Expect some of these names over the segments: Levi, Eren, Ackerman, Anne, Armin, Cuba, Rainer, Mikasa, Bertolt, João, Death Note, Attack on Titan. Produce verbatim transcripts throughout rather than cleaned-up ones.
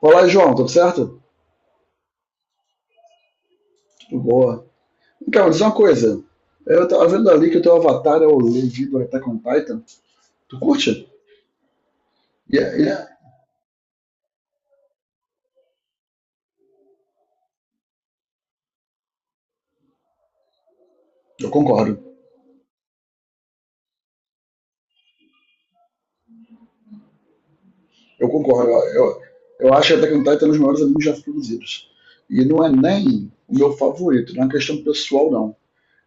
Olá, João, tudo certo? Tudo boa. Então, diz uma coisa. Eu tava vendo ali que o teu avatar é o Levi do Attack on Titan. Tu curte? E é- e é- Eu concordo. Eu concordo. Eu, eu, eu acho que Attack on Titan é um dos maiores animes já produzidos. E não é nem o meu favorito, não é uma questão pessoal, não.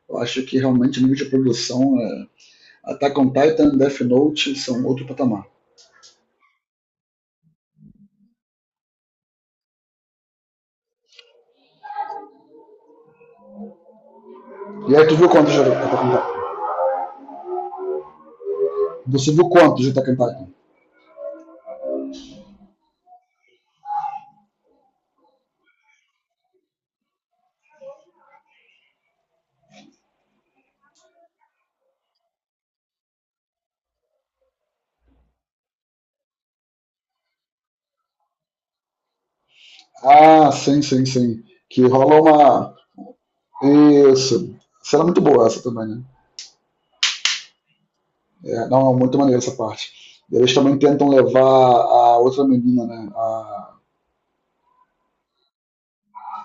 Eu acho que realmente o nível de produção é. Attack on Titan, Death Note são outro patamar. E aí, tu viu quantos de Attack on Titan? Você viu quantos de Attack on Titan? Ah, sim, sim, sim. Que rola uma isso. Será muito boa essa também, né? É, não, é muito maneira essa parte. Eles também tentam levar a outra menina, né? A...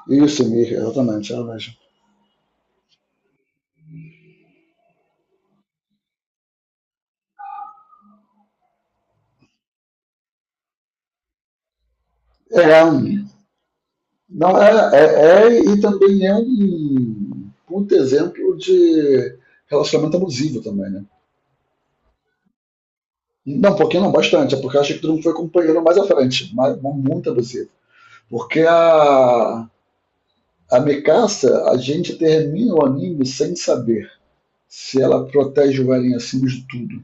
Isso, Mir, exatamente, é ela mesmo. É, não, é, é, é, e também é um puto exemplo de relacionamento abusivo também, né? Não, um pouquinho não, bastante. É porque eu acho que todo mundo foi acompanhando mais à frente, mas, mas muito abusivo. Porque a, a Mikasa, a gente termina o anime sem saber se ela protege o galinho acima de tudo,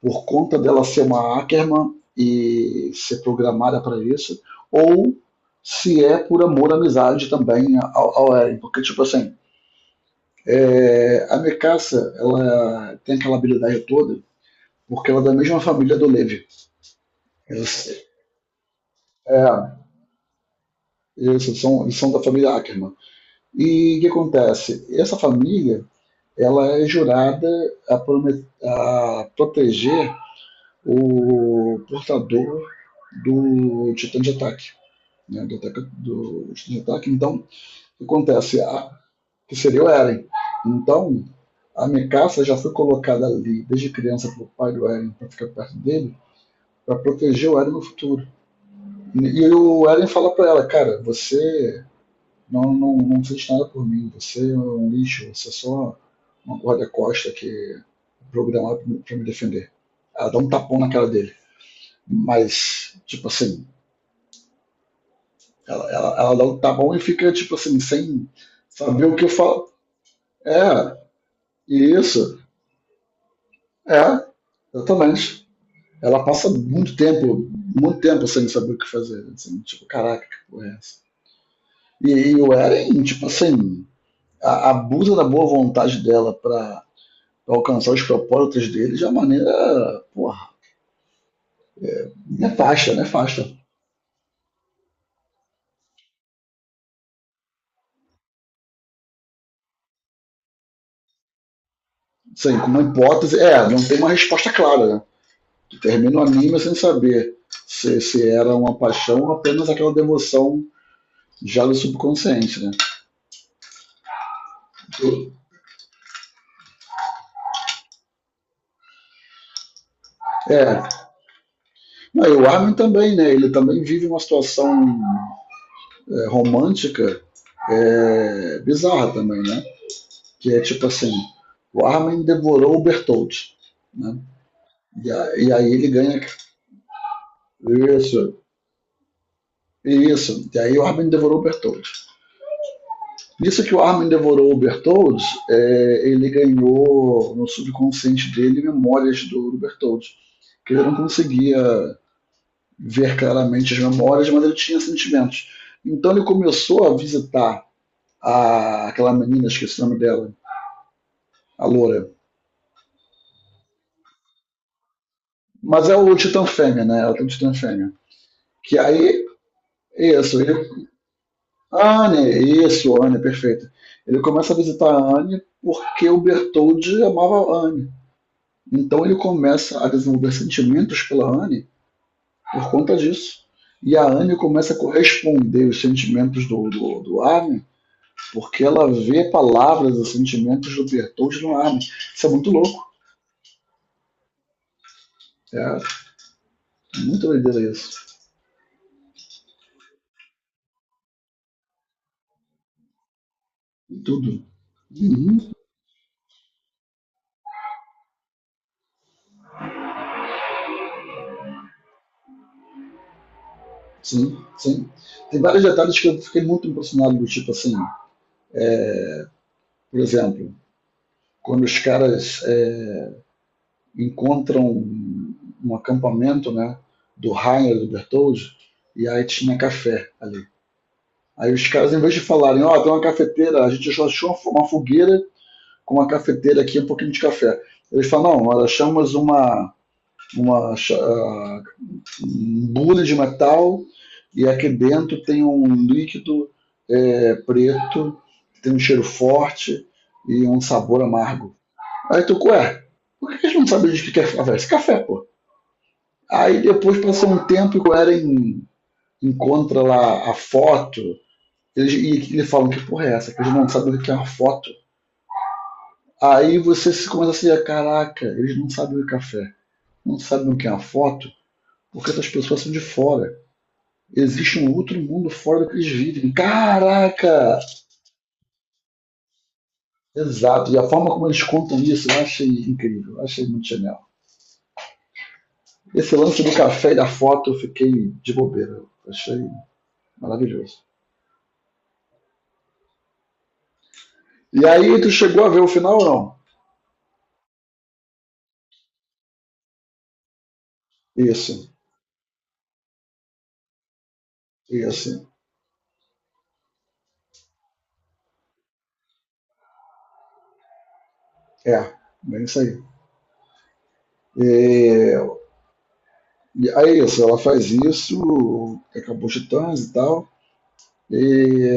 por conta dela ser uma Ackerman e ser programada para isso, ou se é por amor, amizade também ao, ao Eren. Porque, tipo assim, é, a Mekassa, ela tem aquela habilidade toda, porque ela é da mesma família do Levi. Eles, é, eles, são, eles são da família Ackerman. E o que acontece? Essa família, ela é jurada a, promet, a proteger o portador do titã de ataque. Né, do, ataque do titã de ataque. Então, o que acontece? A, que seria o Eren. Então, a Mikaça já foi colocada ali desde criança pelo pai do Eren para ficar perto dele, para proteger o Eren no futuro. E o Eren fala para ela, cara, você não, não, não fez nada por mim, você é um lixo, você é só uma corda costa que é programada para me defender. Ela dá um tapão na cara dele. Mas, tipo assim, Ela, ela, ela dá um tá bom e fica, tipo assim, sem saber o que eu falo. É, isso. É, exatamente. Ela passa muito tempo, muito tempo sem saber o que fazer. Assim, tipo, caraca, que porra é essa? E, e o Eren, tipo assim, a, abusa da boa vontade dela pra, alcançar os propósitos dele de uma maneira, porra, nefasta, nefasta. Sim, com uma hipótese. É, não tem uma resposta clara, né? Termina o anime sem saber se, se era uma paixão ou apenas aquela devoção já do subconsciente, né? É. Não, e o Armin também, né? Ele também vive uma situação é, romântica é, bizarra também, né? Que é tipo assim, o Armin devorou o Bertolt, né? E, a- e aí ele ganha isso, isso. E aí o Armin devorou o Bertolt. Nisso que o Armin devorou o Bertolds, é, ele ganhou no subconsciente dele memórias do Bertolds, que ele não conseguia ver claramente as memórias, mas ele tinha sentimentos. Então ele começou a visitar a, aquela menina, esqueci o nome dela, a loura. Mas é o Titã Fêmea, né? Ela tem o Titã Fêmea. Que aí, isso, ele, Anne, isso, Anne, perfeito. Ele começa a visitar a Anne porque o Bertoldi amava a Anne. Então ele começa a desenvolver sentimentos pela Anne por conta disso. E a Anne começa a corresponder os sentimentos do, do, do Armin, porque ela vê palavras e sentimentos do Bertold no Armin. Isso é muito louco. É é muito doideira isso. Tudo. Uhum. Sim, sim. Tem vários detalhes que eu fiquei muito impressionado, do tipo assim, por exemplo, quando os caras é, encontram um, um acampamento, né, do Rainer, do Bertoldi, e aí tinha café ali. Aí os caras, em vez de falarem, ó, tem uma cafeteira, a gente achou uma fogueira com uma cafeteira aqui, um pouquinho de café. Eles falam, não, nós achamos uma, uma uh, um bule de metal e aqui dentro tem um líquido é, preto, tem um cheiro forte e um sabor amargo. Aí tu, ué, por que a gente não sabe o que é café? Esse café, pô. Aí depois passou um tempo e o Eren encontra lá a foto. Eles, e eles falam que porra é essa? Que eles não sabem o que é uma foto. Aí você se começa a se dizer, caraca, eles não sabem o que é café. Não sabem o que é uma foto, porque essas pessoas são de fora. Existe um outro mundo fora do que eles vivem. Caraca! Exato. E a forma como eles contam isso, eu achei incrível. Eu achei muito genial. Esse lance do café e da foto, eu fiquei de bobeira. Eu achei maravilhoso. E aí, tu chegou a ver o final ou não? Isso, isso. É, bem isso aí. E aí é isso, ela faz isso, acabou os titãs e tal. E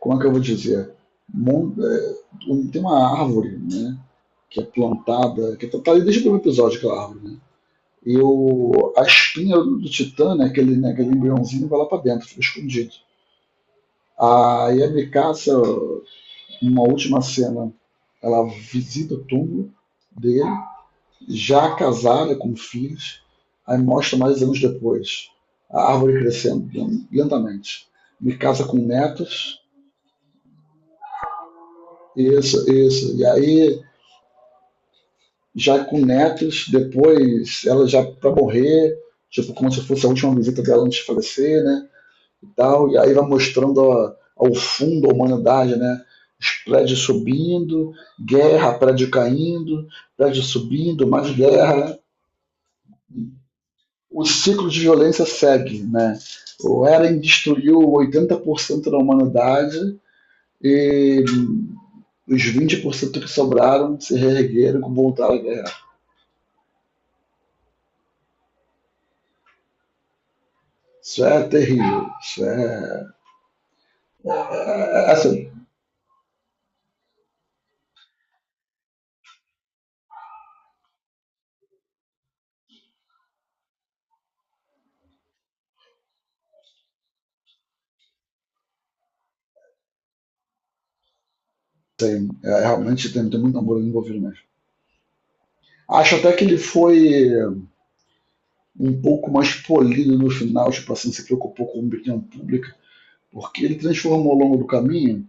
como é que eu vou dizer? Mon- é, um- tem uma árvore, né? Que é plantada, que tá, tá ali desde o primeiro episódio, aquela árvore, né? E o, a espinha do Titã, né, aquele, né, aquele embriãozinho, vai lá pra dentro, fica escondido. Aí a Mikasa, numa última cena, ela visita o túmulo dele já casada, com filhos, aí mostra mais anos depois, a árvore crescendo lentamente. Me casa com netos, isso, isso. E aí, já com netos, depois ela já para morrer, tipo, como se fosse a última visita dela antes de falecer, né? E, tal, e aí vai mostrando a, ao fundo a humanidade, né? Os prédios subindo, guerra, prédio caindo, prédio subindo, mais guerra, né? O ciclo de violência segue, né? O Eren destruiu oitenta por cento da humanidade e os vinte por cento que sobraram se reergueram e voltaram à guerra. Isso é terrível. Isso é, é, é assim, é realmente tem, tem muito amor envolvido mesmo. Acho até que ele foi um pouco mais polido no final, tipo assim, se preocupou com a opinião pública, porque ele transformou ao longo do caminho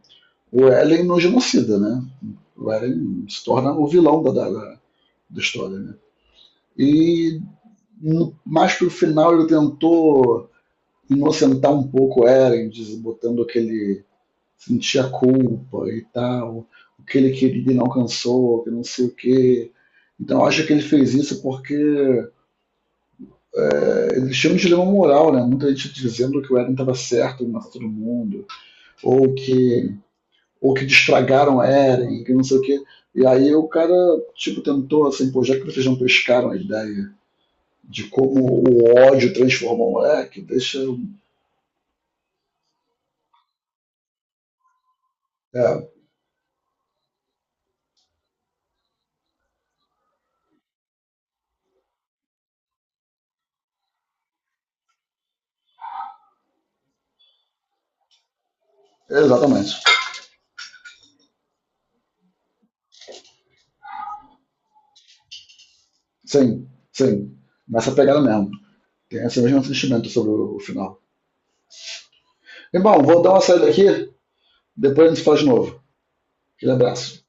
o Ellen no genocida, né? O Ellen se torna o vilão da, da, da história, né? E no, mais pro final ele tentou inocentar um pouco Eren, botando aquele sentir a culpa e tal, o que ele queria e não alcançou, que não sei o que. Então eu acho que ele fez isso porque é, ele tinha um dilema moral, né? Muita gente dizendo que o Eren estava certo em todo mundo, ou que ou que destragaram o Eren, que não sei o que. E aí o cara tipo tentou assim, pô, já que vocês não pescaram a ideia de como o ódio transforma o moleque, deixa o é, exatamente. Sim, sim. Nessa pegada mesmo. Tem esse mesmo sentimento sobre o o final. E bom, vou dar uma saída aqui, depois a gente fala de novo. Aquele abraço.